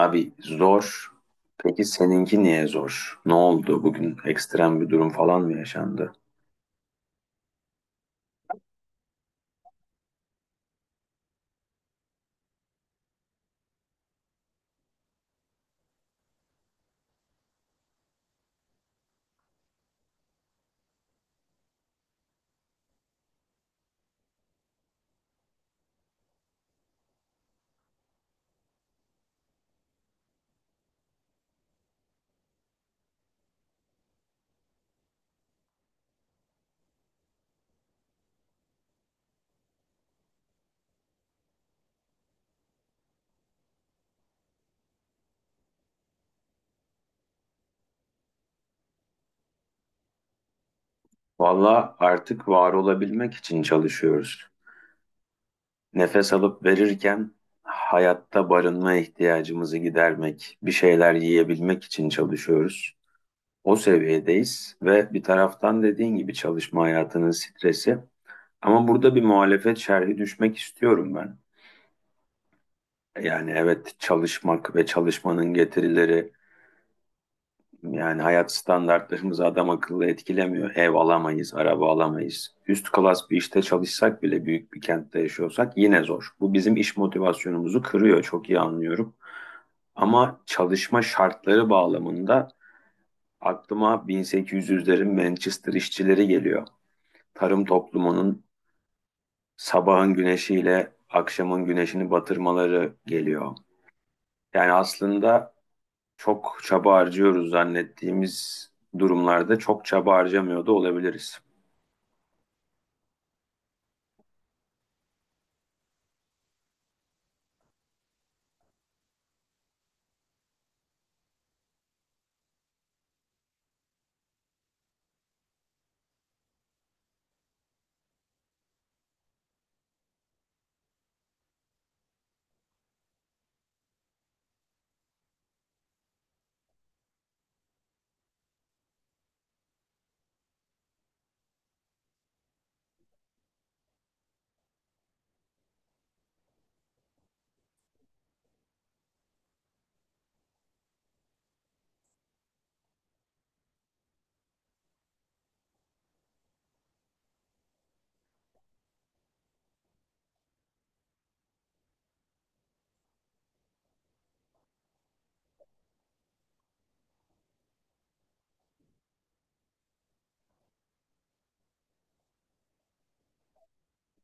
Abi zor. Peki seninki niye zor? Ne oldu bugün? Ekstrem bir durum falan mı yaşandı? Valla artık var olabilmek için çalışıyoruz. Nefes alıp verirken hayatta barınma ihtiyacımızı gidermek, bir şeyler yiyebilmek için çalışıyoruz. O seviyedeyiz ve bir taraftan dediğin gibi çalışma hayatının stresi. Ama burada bir muhalefet şerhi düşmek istiyorum ben. Yani evet çalışmak ve çalışmanın getirileri. Yani hayat standartlarımızı adam akıllı etkilemiyor. Ev alamayız, araba alamayız. Üst klas bir işte çalışsak bile büyük bir kentte yaşıyorsak yine zor. Bu bizim iş motivasyonumuzu kırıyor, çok iyi anlıyorum. Ama çalışma şartları bağlamında aklıma 1800'lerin Manchester işçileri geliyor. Tarım toplumunun sabahın güneşiyle akşamın güneşini batırmaları geliyor. Yani aslında çok çaba harcıyoruz zannettiğimiz durumlarda çok çaba harcamıyor da olabiliriz.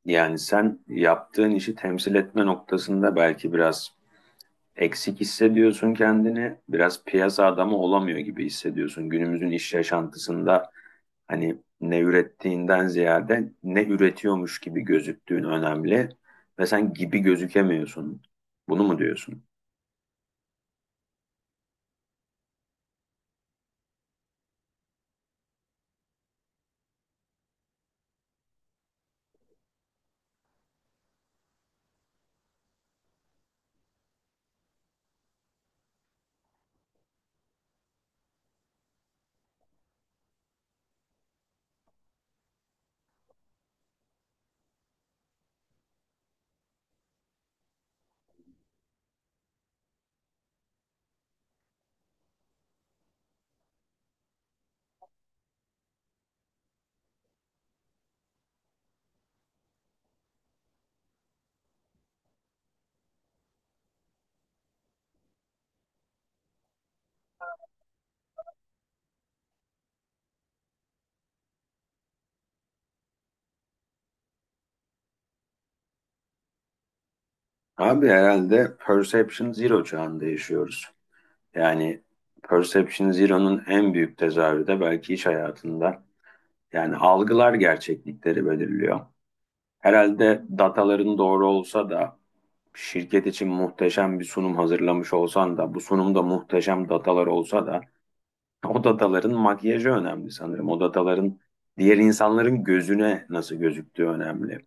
Yani sen yaptığın işi temsil etme noktasında belki biraz eksik hissediyorsun kendini, biraz piyasa adamı olamıyor gibi hissediyorsun. Günümüzün iş yaşantısında hani ne ürettiğinden ziyade ne üretiyormuş gibi gözüktüğün önemli ve sen gibi gözükemiyorsun. Bunu mu diyorsun? Abi herhalde perception zero çağında yaşıyoruz. Yani Perception Zero'nun en büyük tezahürü de belki iş hayatında. Yani algılar gerçeklikleri belirliyor. Herhalde dataların doğru olsa da şirket için muhteşem bir sunum hazırlamış olsan da bu sunumda muhteşem datalar olsa da o dataların makyajı önemli sanırım. O dataların diğer insanların gözüne nasıl gözüktüğü önemli,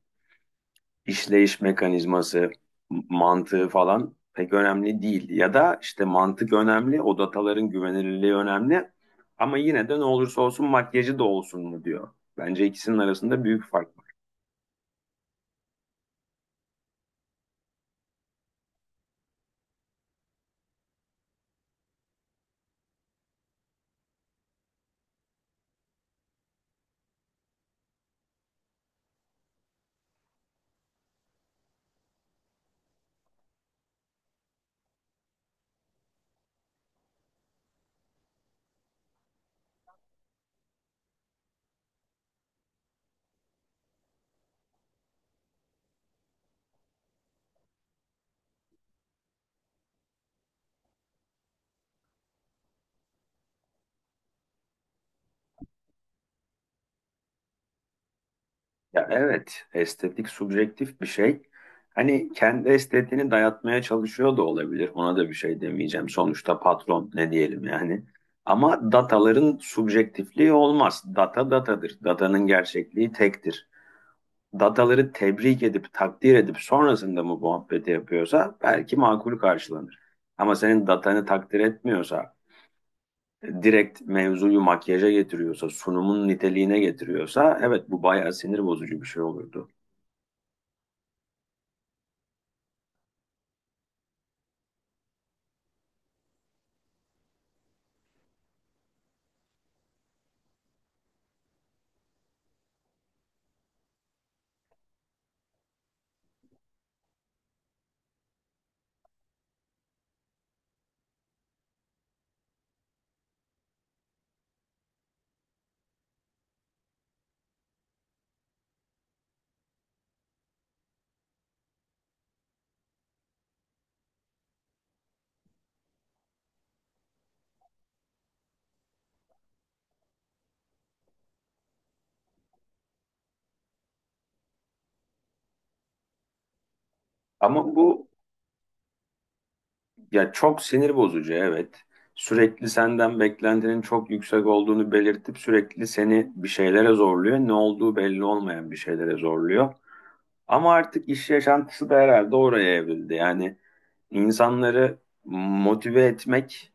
işleyiş mekanizması, mantığı falan pek önemli değil. Ya da işte mantık önemli, o dataların güvenilirliği önemli. Ama yine de ne olursa olsun makyajı da olsun mu diyor. Bence ikisinin arasında büyük fark var. Ya evet, estetik subjektif bir şey. Hani kendi estetiğini dayatmaya çalışıyor da olabilir. Ona da bir şey demeyeceğim. Sonuçta patron, ne diyelim yani. Ama dataların subjektifliği olmaz. Data datadır. Datanın gerçekliği tektir. Dataları tebrik edip takdir edip sonrasında mı muhabbeti yapıyorsa belki makul karşılanır. Ama senin datanı takdir etmiyorsa, direkt mevzuyu makyaja getiriyorsa, sunumun niteliğine getiriyorsa evet bu bayağı sinir bozucu bir şey olurdu. Ama bu, ya çok sinir bozucu evet. Sürekli senden beklentinin çok yüksek olduğunu belirtip sürekli seni bir şeylere zorluyor. Ne olduğu belli olmayan bir şeylere zorluyor. Ama artık iş yaşantısı da herhalde oraya evrildi. Yani insanları motive etmek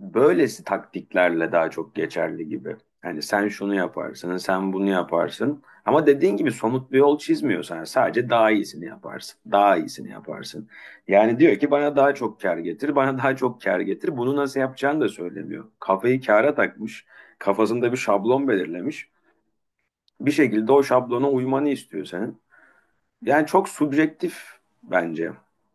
böylesi taktiklerle daha çok geçerli gibi. Hani sen şunu yaparsın, sen bunu yaparsın. Ama dediğin gibi somut bir yol çizmiyorsan sadece daha iyisini yaparsın, daha iyisini yaparsın. Yani diyor ki bana daha çok kar getir, bana daha çok kar getir. Bunu nasıl yapacağını da söylemiyor. Kafayı kâra takmış, kafasında bir şablon belirlemiş. Bir şekilde o şablona uymanı istiyor senin. Yani çok subjektif bence.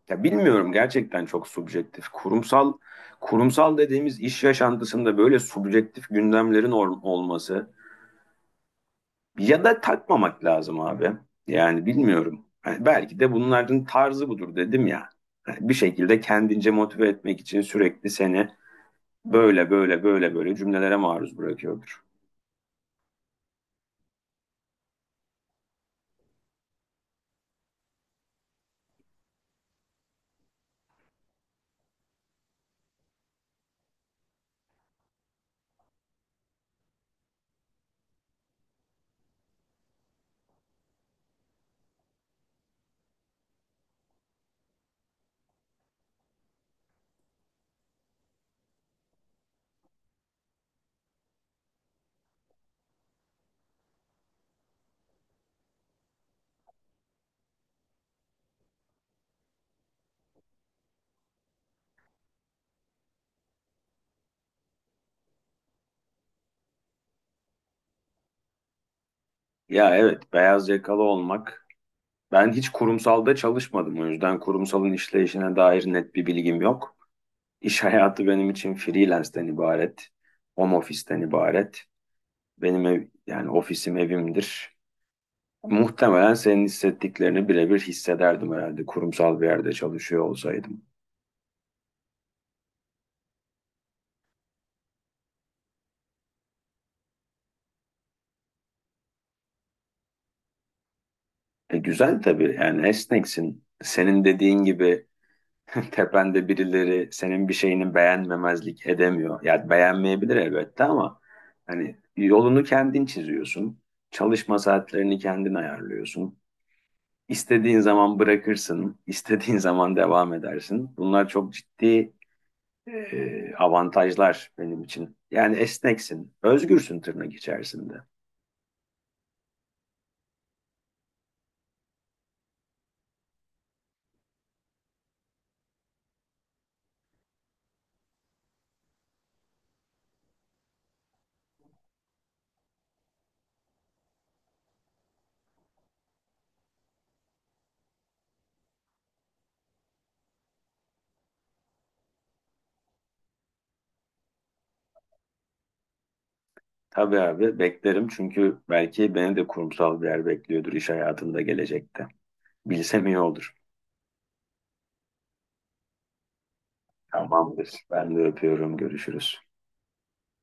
Ya bilmiyorum gerçekten çok subjektif. Kurumsal, kurumsal dediğimiz iş yaşantısında böyle subjektif gündemlerin olması ya da takmamak lazım abi. Yani bilmiyorum. Yani belki de bunların tarzı budur dedim ya. Yani bir şekilde kendince motive etmek için sürekli seni böyle böyle böyle böyle cümlelere maruz bırakıyordur. Ya evet, beyaz yakalı olmak. Ben hiç kurumsalda çalışmadım, o yüzden kurumsalın işleyişine dair net bir bilgim yok. İş hayatı benim için freelance'den ibaret, home office'ten ibaret. Benim ev, yani ofisim evimdir. Muhtemelen senin hissettiklerini birebir hissederdim herhalde kurumsal bir yerde çalışıyor olsaydım. Güzel tabii, yani esneksin. Senin dediğin gibi tepende birileri senin bir şeyini beğenmemezlik edemiyor. Yani beğenmeyebilir elbette ama hani yolunu kendin çiziyorsun. Çalışma saatlerini kendin ayarlıyorsun. İstediğin zaman bırakırsın, istediğin zaman devam edersin. Bunlar çok ciddi avantajlar benim için. Yani esneksin, özgürsün tırnak içerisinde. Tabii abi beklerim, çünkü belki beni de kurumsal bir yer bekliyordur iş hayatında gelecekte. Bilsem iyi olur. Tamamdır. Ben de öpüyorum. Görüşürüz.